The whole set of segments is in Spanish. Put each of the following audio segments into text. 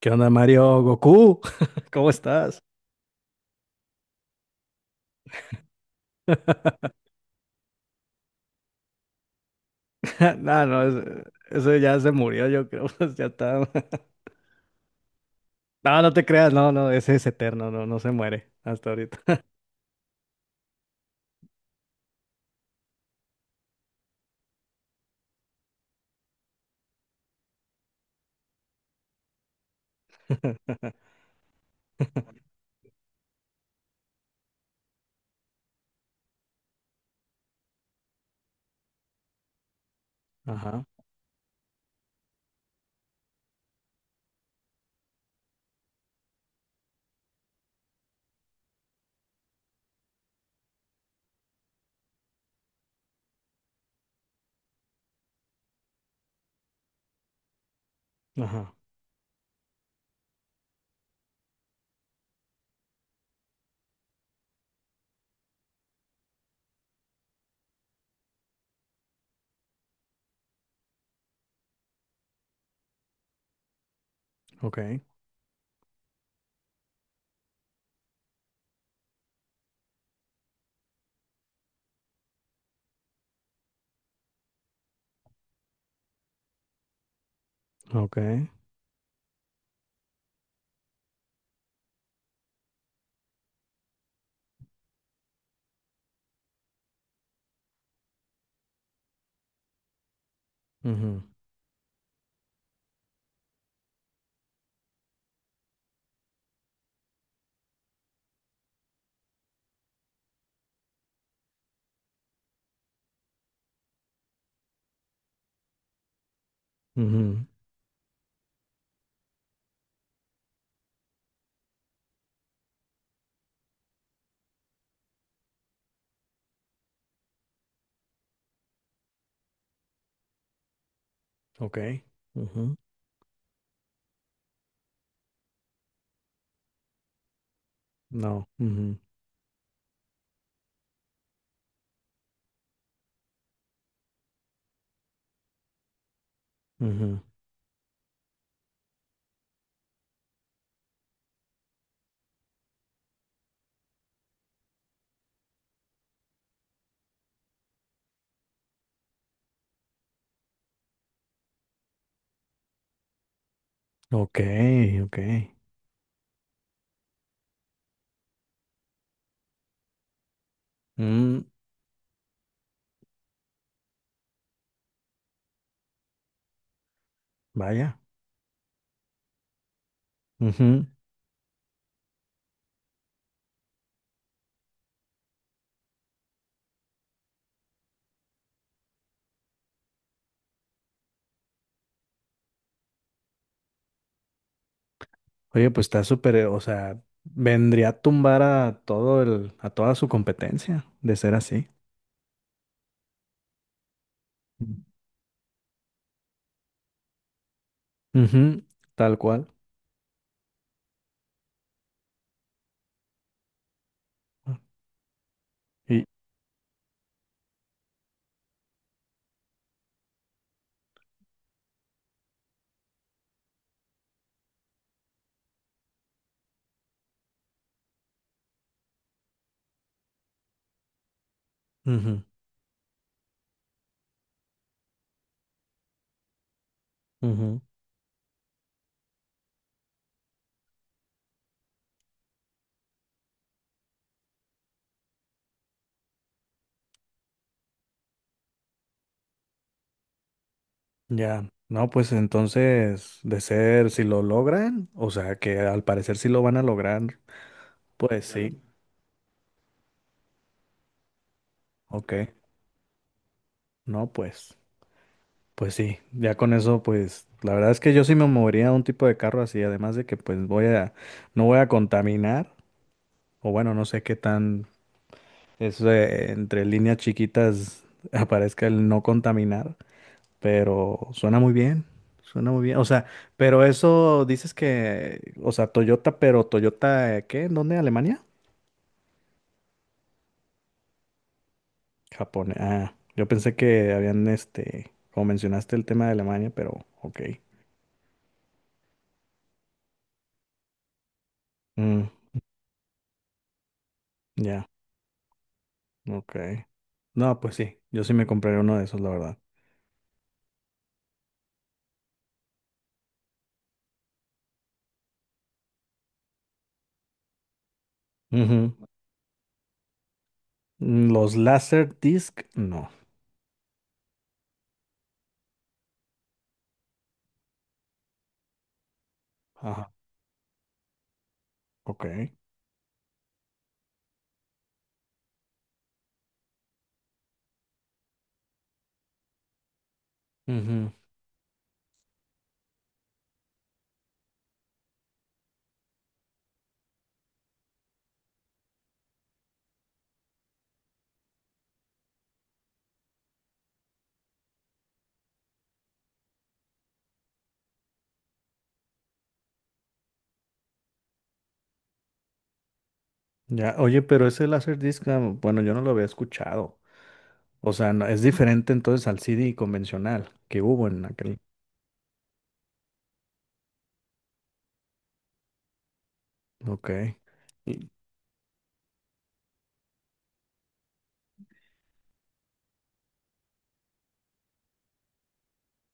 ¿Qué onda, Mario? Goku, ¿cómo estás? No, no, eso ya se murió, yo creo, pues, ya está. No, no te creas, no, no, ese es eterno, no, no se muere hasta ahorita. Ajá, ajá, ok, ok, ujú, ujú, ok, ujú, no, ujú, ujú, ok, ok, mm, vaya, ujú. Oye, pues está súper, o sea, vendría a tumbar a toda su competencia de ser así. Ujú, tal cual. Y, ujú, ujú, ya. No, pues entonces, si lo logran, o sea, que al parecer sí lo van a lograr, pues sí, ok. No, pues sí, ya con eso, pues, la verdad es que yo sí me movería a un tipo de carro así, además de que, pues, no voy a contaminar, o bueno, no sé qué tan, eso de entre líneas chiquitas aparezca el no contaminar. Pero suena muy bien, suena muy bien. O sea, pero eso dices que, o sea, Toyota, pero Toyota, ¿qué? ¿En ¿Dónde? ¿Alemania? Japón. Ah, yo pensé que habían, como mencionaste el tema de Alemania, pero ok. Mm, ya, ok. No, pues sí, yo sí me compraría uno de esos, la verdad. Ujú. Mm, los Laserdisc, no. Ajá, ok. Ujú. Ya, oye, pero ese Laserdisc, ah, bueno, yo no lo había escuchado. O sea, es diferente entonces al CD convencional que hubo en aquel. Ok. Y-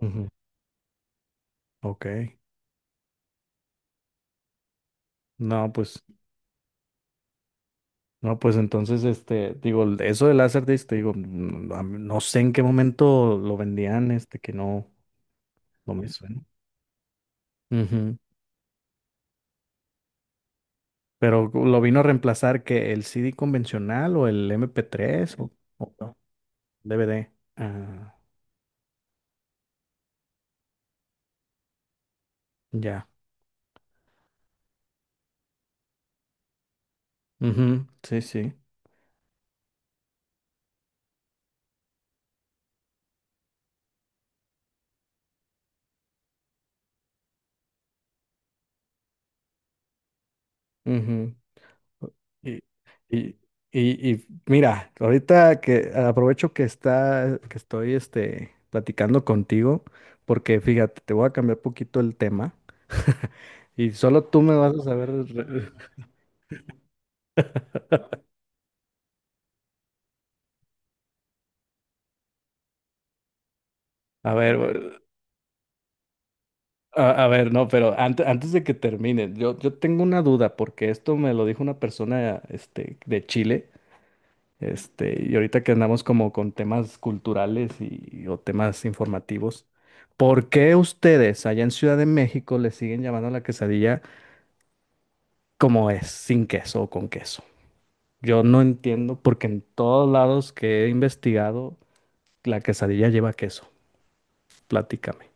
Ujú. Ok. No, pues, no, pues entonces, digo, eso del Laserdisc, te digo, no sé en qué momento lo vendían, que no, no me suena. Ujú. Pero lo vino a reemplazar que el CD convencional o el MP3 o no, DVD. Ah, ya. Ujú, sí, sí. Ujú. Y, y, y mira, ahorita que aprovecho que estoy platicando contigo, porque fíjate, te voy a cambiar poquito el tema. Y solo tú me vas a saber. A ver, bueno, a ver, no, pero antes de que termine, yo tengo una duda, porque esto me lo dijo una persona de Chile. Y ahorita que andamos como con temas culturales y, o temas informativos, ¿por qué ustedes allá en Ciudad de México le siguen llamando a la quesadilla como es, sin queso o con queso? Yo no entiendo porque en todos lados que he investigado, la quesadilla lleva queso. Platícame.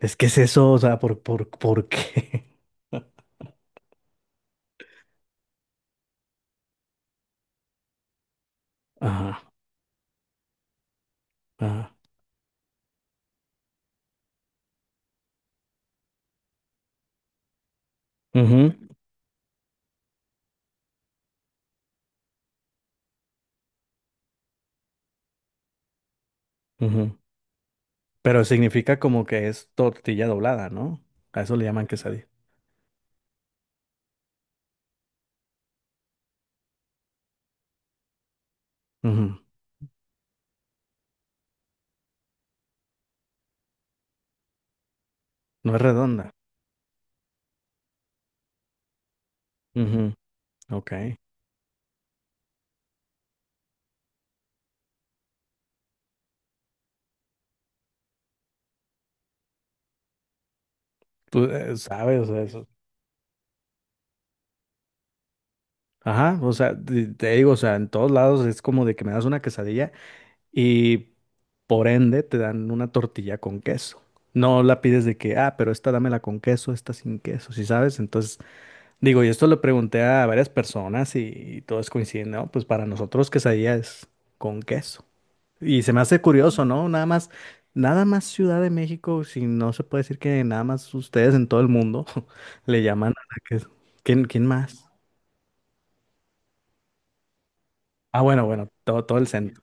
Es que es eso, o sea, ¿por qué? Ajá, ajá. Ujú, ujú. Pero significa como que es tortilla doblada, ¿no? A eso le llaman quesadilla. Ujú. No es redonda. Ok, tú sabes eso. Ajá, o sea, te digo, o sea, en todos lados es como de que me das una quesadilla y por ende te dan una tortilla con queso. No la pides de que, ah, pero esta dámela con queso, esta sin queso, ¿sí sabes? Entonces, digo, y esto lo pregunté a varias personas y, todos coinciden, ¿no? Pues para nosotros quesadilla es con queso. Y se me hace curioso, ¿no? Nada más, nada más Ciudad de México, si no se puede decir que nada más ustedes en todo el mundo le llaman a la que ¿Quién más? Ah, bueno, bueno, todo el centro.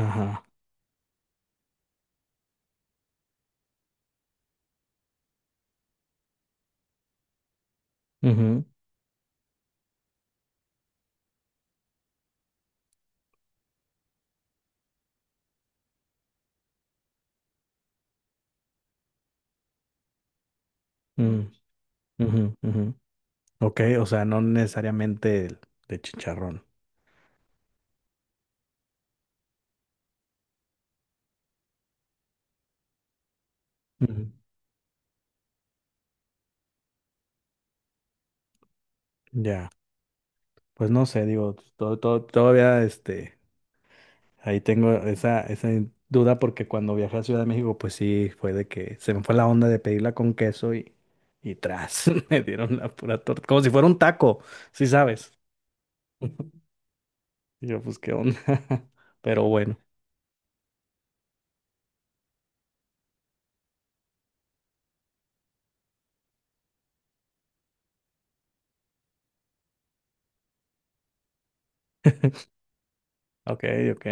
Ajá. Ujú, mm, ujú, ujú. Ok, o sea, no necesariamente el de chicharrón. Ujú. Ya, pues no sé, digo, todavía. Ahí tengo esa duda porque cuando viajé a Ciudad de México, pues sí, fue de que se me fue la onda de pedirla con queso y tras, me dieron la pura torta, como si fuera un taco, sí sabes. Y yo, pues qué onda, pero bueno, ok, ok.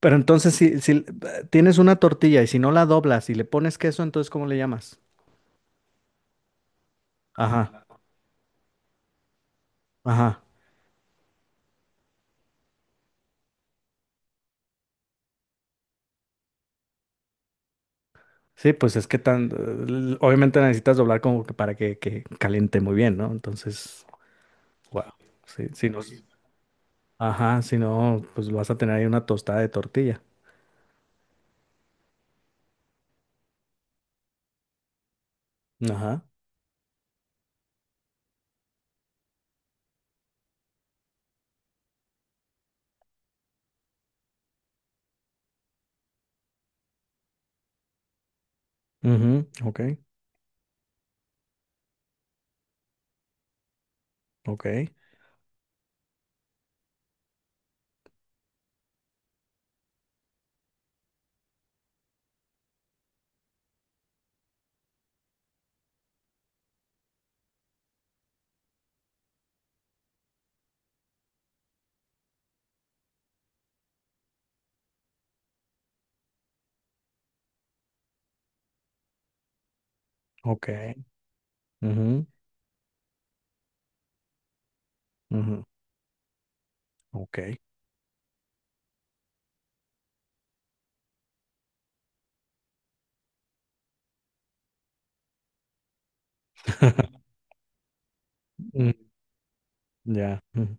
Pero entonces, si tienes una tortilla y si no la doblas y le pones queso, entonces, ¿cómo le llamas? Ajá, ajá. Sí, pues es que obviamente la necesitas doblar como que para que caliente muy bien, ¿no? Entonces, wow, sí, sí, no. Ajá, si no, pues vas a tener ahí una tostada de tortilla. Ajá. Mhm, ok, ok, ok. Ujú, ujú, ok. Mm, ya. Ujú,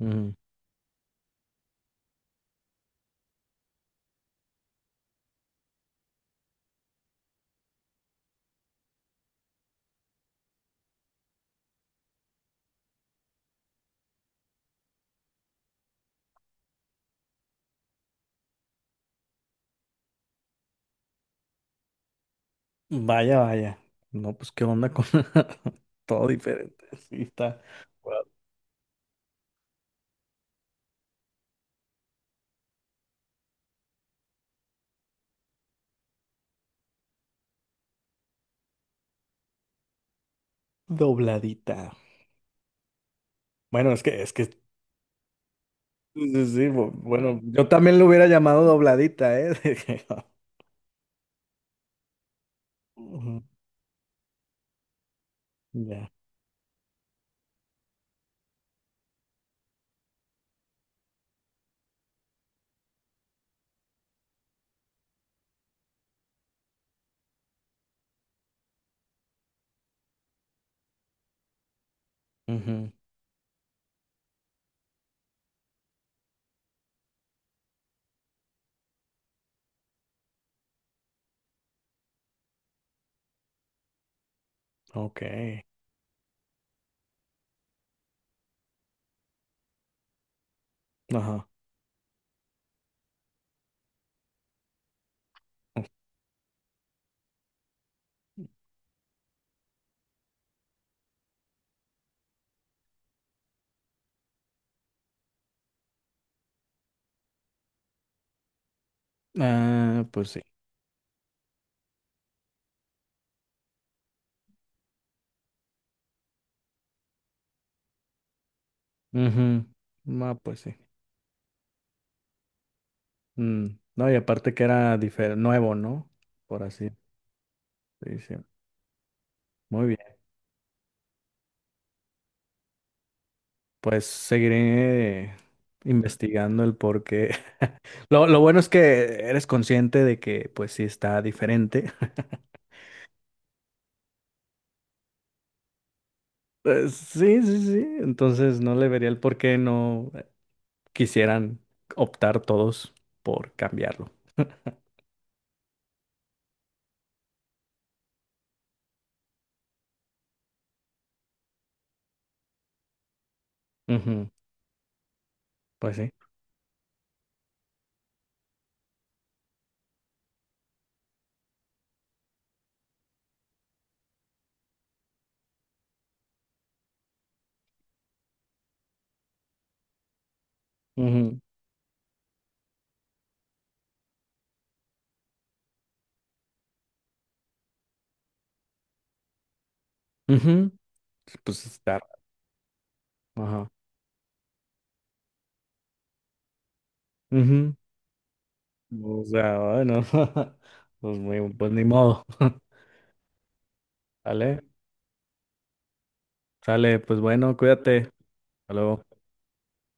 ujú. Vaya, vaya. No, pues qué onda con todo diferente. Sí, está guau, dobladita. Bueno, es que, sí, sí, sí, bueno, yo también lo hubiera llamado dobladita, ¿eh? Dije, "Ah, ujú, ya. Ujú, ok. Ajá. Ah, pues sí. Ujú. No, pues sí. Mm, no, y aparte que era nuevo, ¿no? Por así se sí. Muy bien. Pues seguiré investigando el por qué. Lo bueno es que eres consciente de que, pues sí, está diferente. Pues, sí, sí, sí. Entonces no le vería el por qué no quisieran optar todos por cambiarlo. Ujú. Pues sí. Ujú. Ujú. Pues está raro. Ajá. O sea, bueno, pues, pues ni modo. ¿Sale? Sale, pues bueno, cuídate. Hasta luego.